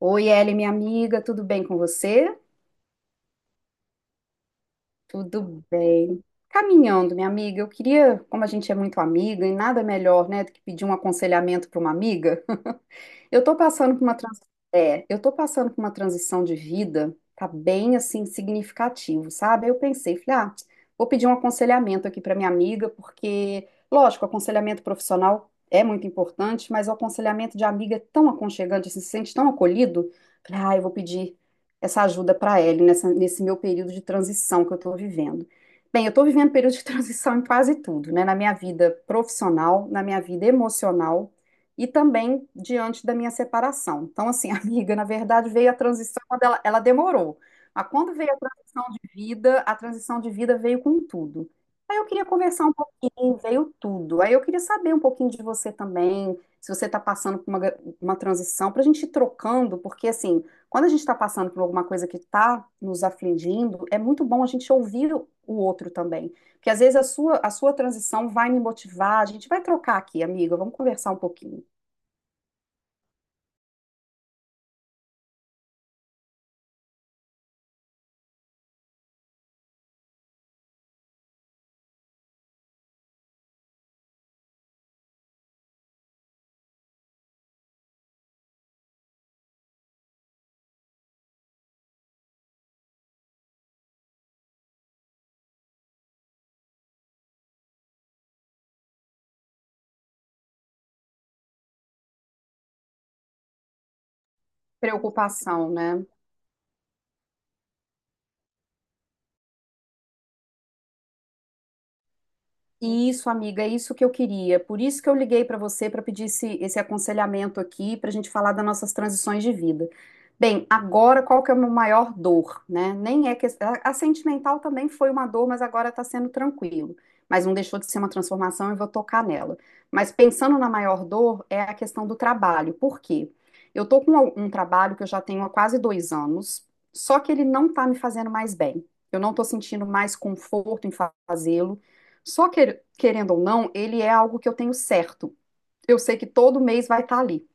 Oi, Ellen, minha amiga, tudo bem com você? Tudo bem. Caminhando, minha amiga, eu queria, como a gente é muito amiga, e nada melhor, né, do que pedir um aconselhamento para uma amiga. Eu tô passando por uma trans... eu tô passando por uma transição de vida, tá bem assim significativo, sabe? Aí eu pensei, falei, ah, vou pedir um aconselhamento aqui para minha amiga, porque, lógico, aconselhamento profissional é muito importante, mas o aconselhamento de amiga é tão aconchegante, assim, se sente tão acolhido. Falei, ah, eu vou pedir essa ajuda para ela nesse meu período de transição que eu tô vivendo. Bem, eu estou vivendo período de transição em quase tudo, né? Na minha vida profissional, na minha vida emocional e também diante da minha separação. Então, assim, amiga, na verdade veio a transição, quando ela demorou. Mas quando veio a transição de vida, a transição de vida veio com tudo. Aí eu queria conversar um pouquinho, veio tudo. Aí eu queria saber um pouquinho de você também, se você está passando por uma transição, para a gente ir trocando, porque assim, quando a gente está passando por alguma coisa que está nos afligindo, é muito bom a gente ouvir o outro também. Porque às vezes a sua transição vai me motivar, a gente vai trocar aqui, amiga, vamos conversar um pouquinho. Preocupação, né? Isso, amiga, é isso que eu queria. Por isso que eu liguei para você para pedir esse, esse aconselhamento aqui, para a gente falar das nossas transições de vida. Bem, agora qual que é a minha maior dor, né? Nem é que a sentimental também foi uma dor, mas agora está sendo tranquilo. Mas não deixou de ser uma transformação, eu vou tocar nela. Mas pensando na maior dor, é a questão do trabalho. Por quê? Eu tô com um trabalho que eu já tenho há quase 2 anos, só que ele não está me fazendo mais bem. Eu não estou sentindo mais conforto em fazê-lo. Só que, querendo ou não, ele é algo que eu tenho certo. Eu sei que todo mês vai estar ali,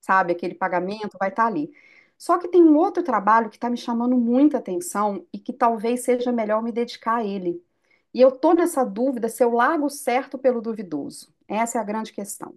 sabe? Aquele pagamento vai estar ali. Só que tem um outro trabalho que está me chamando muita atenção e que talvez seja melhor me dedicar a ele. E eu tô nessa dúvida se eu largo o certo pelo duvidoso. Essa é a grande questão.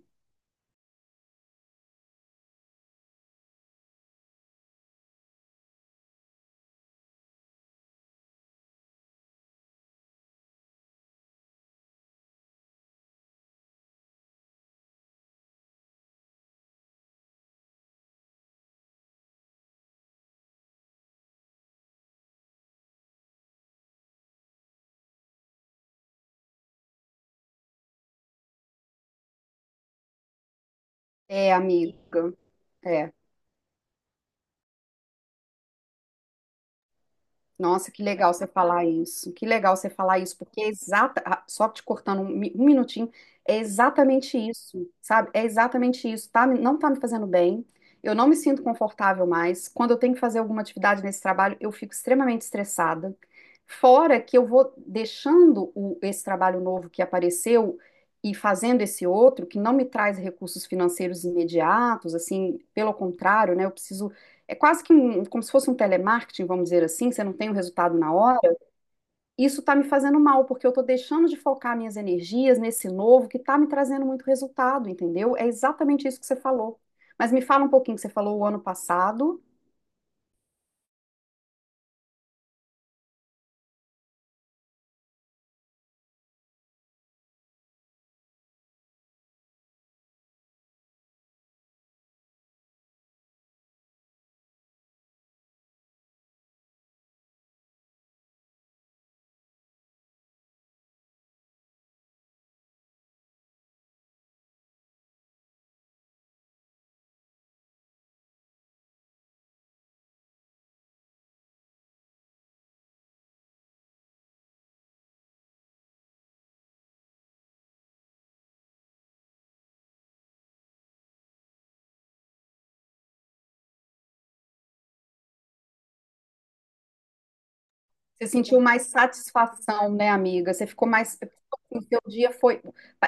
É, amiga. É. Nossa, que legal você falar isso. Que legal você falar isso, porque só te cortando um minutinho, é exatamente isso, sabe? É exatamente isso, tá? Não tá me fazendo bem. Eu não me sinto confortável mais. Quando eu tenho que fazer alguma atividade nesse trabalho, eu fico extremamente estressada. Fora que eu vou deixando esse trabalho novo que apareceu e fazendo esse outro, que não me traz recursos financeiros imediatos, assim, pelo contrário, né? Eu preciso é quase que um, como se fosse um telemarketing, vamos dizer assim, você não tem o resultado na hora, isso está me fazendo mal, porque eu estou deixando de focar minhas energias nesse novo que está me trazendo muito resultado, entendeu? É exatamente isso que você falou. Mas me fala um pouquinho que você falou o ano passado, você sentiu mais satisfação, né, amiga? Você ficou mais. O seu dia foi.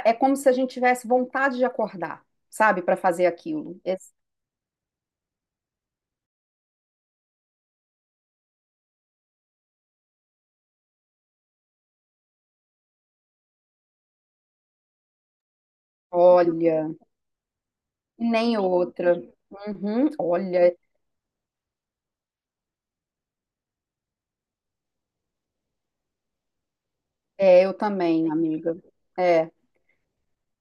É como se a gente tivesse vontade de acordar, sabe, para fazer aquilo. Olha, nem outra. Uhum, olha, é, eu também, amiga. É.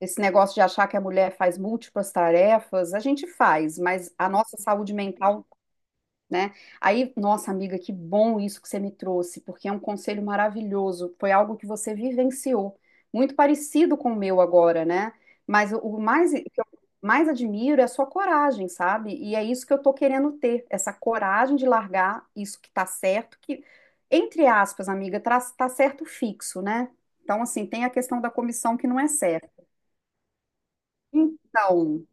Esse negócio de achar que a mulher faz múltiplas tarefas, a gente faz, mas a nossa saúde mental, né? Aí, nossa amiga, que bom isso que você me trouxe, porque é um conselho maravilhoso. Foi algo que você vivenciou, muito parecido com o meu agora, né? Mas o que eu mais admiro é a sua coragem, sabe? E é isso que eu tô querendo ter, essa coragem de largar isso que tá certo, que, entre aspas, amiga, tá certo fixo, né? Então, assim, tem a questão da comissão que não é certa. Então,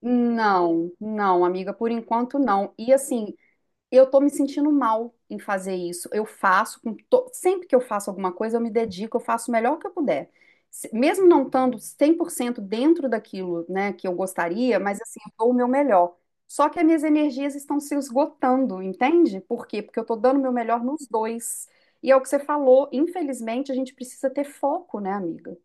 não, não, amiga, por enquanto não. E assim, eu tô me sentindo mal em fazer isso. Eu faço, sempre que eu faço alguma coisa, eu me dedico, eu faço o melhor que eu puder. Mesmo não estando 100% dentro daquilo, né, que eu gostaria, mas assim, eu dou o meu melhor. Só que as minhas energias estão se esgotando, entende? Por quê? Porque eu tô dando o meu melhor nos dois. E é o que você falou, infelizmente, a gente precisa ter foco, né, amiga?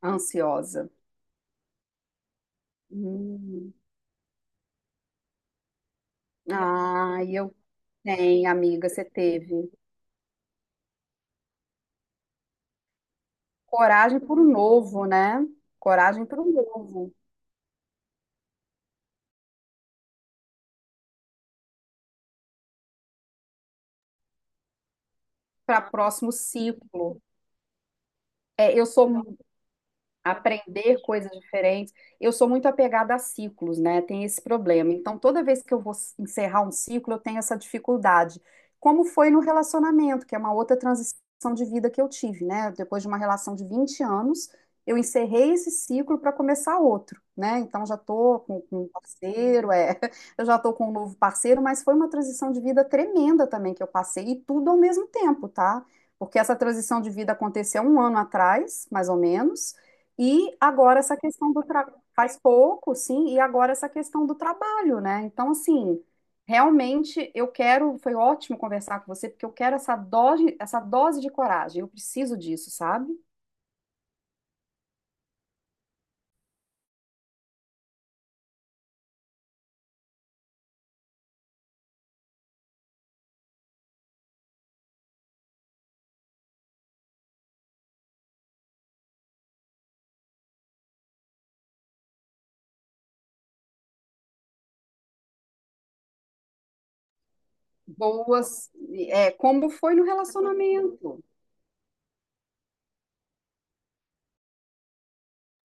Ansiosa. Hum. Ah, tem, amiga, você teve. Coragem para o novo, né? Coragem para o novo, para próximo ciclo. É, eu sou, aprender coisas diferentes. Eu sou muito apegada a ciclos, né? Tem esse problema. Então, toda vez que eu vou encerrar um ciclo, eu tenho essa dificuldade. Como foi no relacionamento, que é uma outra transição de vida que eu tive, né? Depois de uma relação de 20 anos, eu encerrei esse ciclo para começar outro, né? Então, já tô com um parceiro, é, eu já tô com um novo parceiro, mas foi uma transição de vida tremenda também que eu passei, e tudo ao mesmo tempo, tá? Porque essa transição de vida aconteceu um ano atrás, mais ou menos, e agora essa questão faz pouco, sim, e agora essa questão do trabalho, né? Então, assim, realmente eu quero, foi ótimo conversar com você, porque eu quero essa dose de coragem, eu preciso disso, sabe? Boas, é, como foi no relacionamento.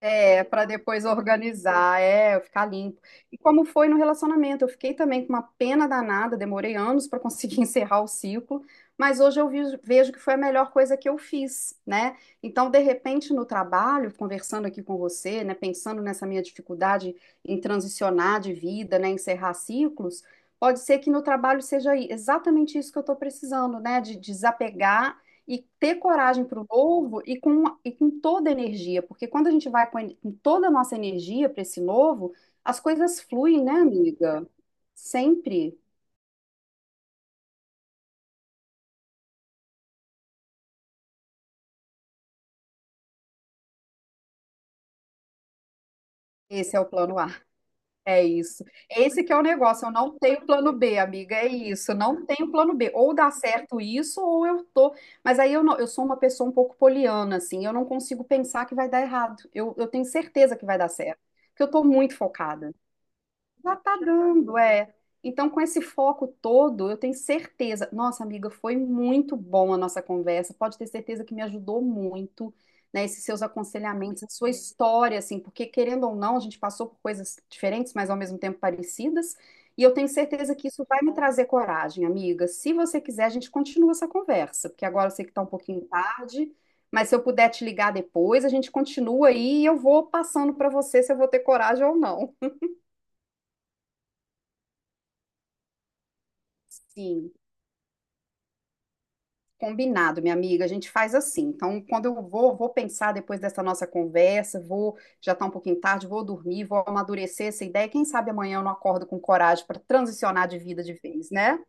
É, para depois organizar, é, ficar limpo. E como foi no relacionamento? Eu fiquei também com uma pena danada, demorei anos para conseguir encerrar o ciclo, mas hoje eu vejo que foi a melhor coisa que eu fiz, né? Então, de repente, no trabalho, conversando aqui com você, né, pensando nessa minha dificuldade em transicionar de vida, né, encerrar ciclos, pode ser que no trabalho seja exatamente isso que eu estou precisando, né, de desapegar e ter coragem para o novo e com toda a energia, porque quando a gente vai com toda a nossa energia para esse novo, as coisas fluem, né, amiga? Sempre. Esse é o plano A. É isso. Esse que é o negócio. Eu não tenho plano B, amiga. É isso. Eu não tenho plano B. Ou dá certo isso, ou eu tô. Mas aí eu não, eu sou uma pessoa um pouco poliana, assim. Eu não consigo pensar que vai dar errado. Eu tenho certeza que vai dar certo. Porque eu tô muito focada. Já tá dando, é. Então, com esse foco todo, eu tenho certeza. Nossa, amiga, foi muito bom a nossa conversa. Pode ter certeza que me ajudou muito, né? Esses seus aconselhamentos, a sua história, assim, porque querendo ou não, a gente passou por coisas diferentes, mas ao mesmo tempo parecidas. E eu tenho certeza que isso vai me trazer coragem, amiga. Se você quiser, a gente continua essa conversa, porque agora eu sei que tá um pouquinho tarde, mas se eu puder te ligar depois, a gente continua aí e eu vou passando para você se eu vou ter coragem ou não. Sim. Combinado, minha amiga. A gente faz assim. Então, quando eu vou, vou pensar depois dessa nossa conversa, vou, já tá um pouquinho tarde, vou dormir, vou amadurecer essa ideia. Quem sabe amanhã eu não acordo com coragem para transicionar de vida de vez, né?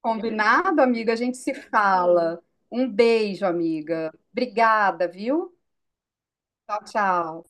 Combinado, amiga? A gente se fala. Um beijo, amiga. Obrigada, viu? Tchau, tchau.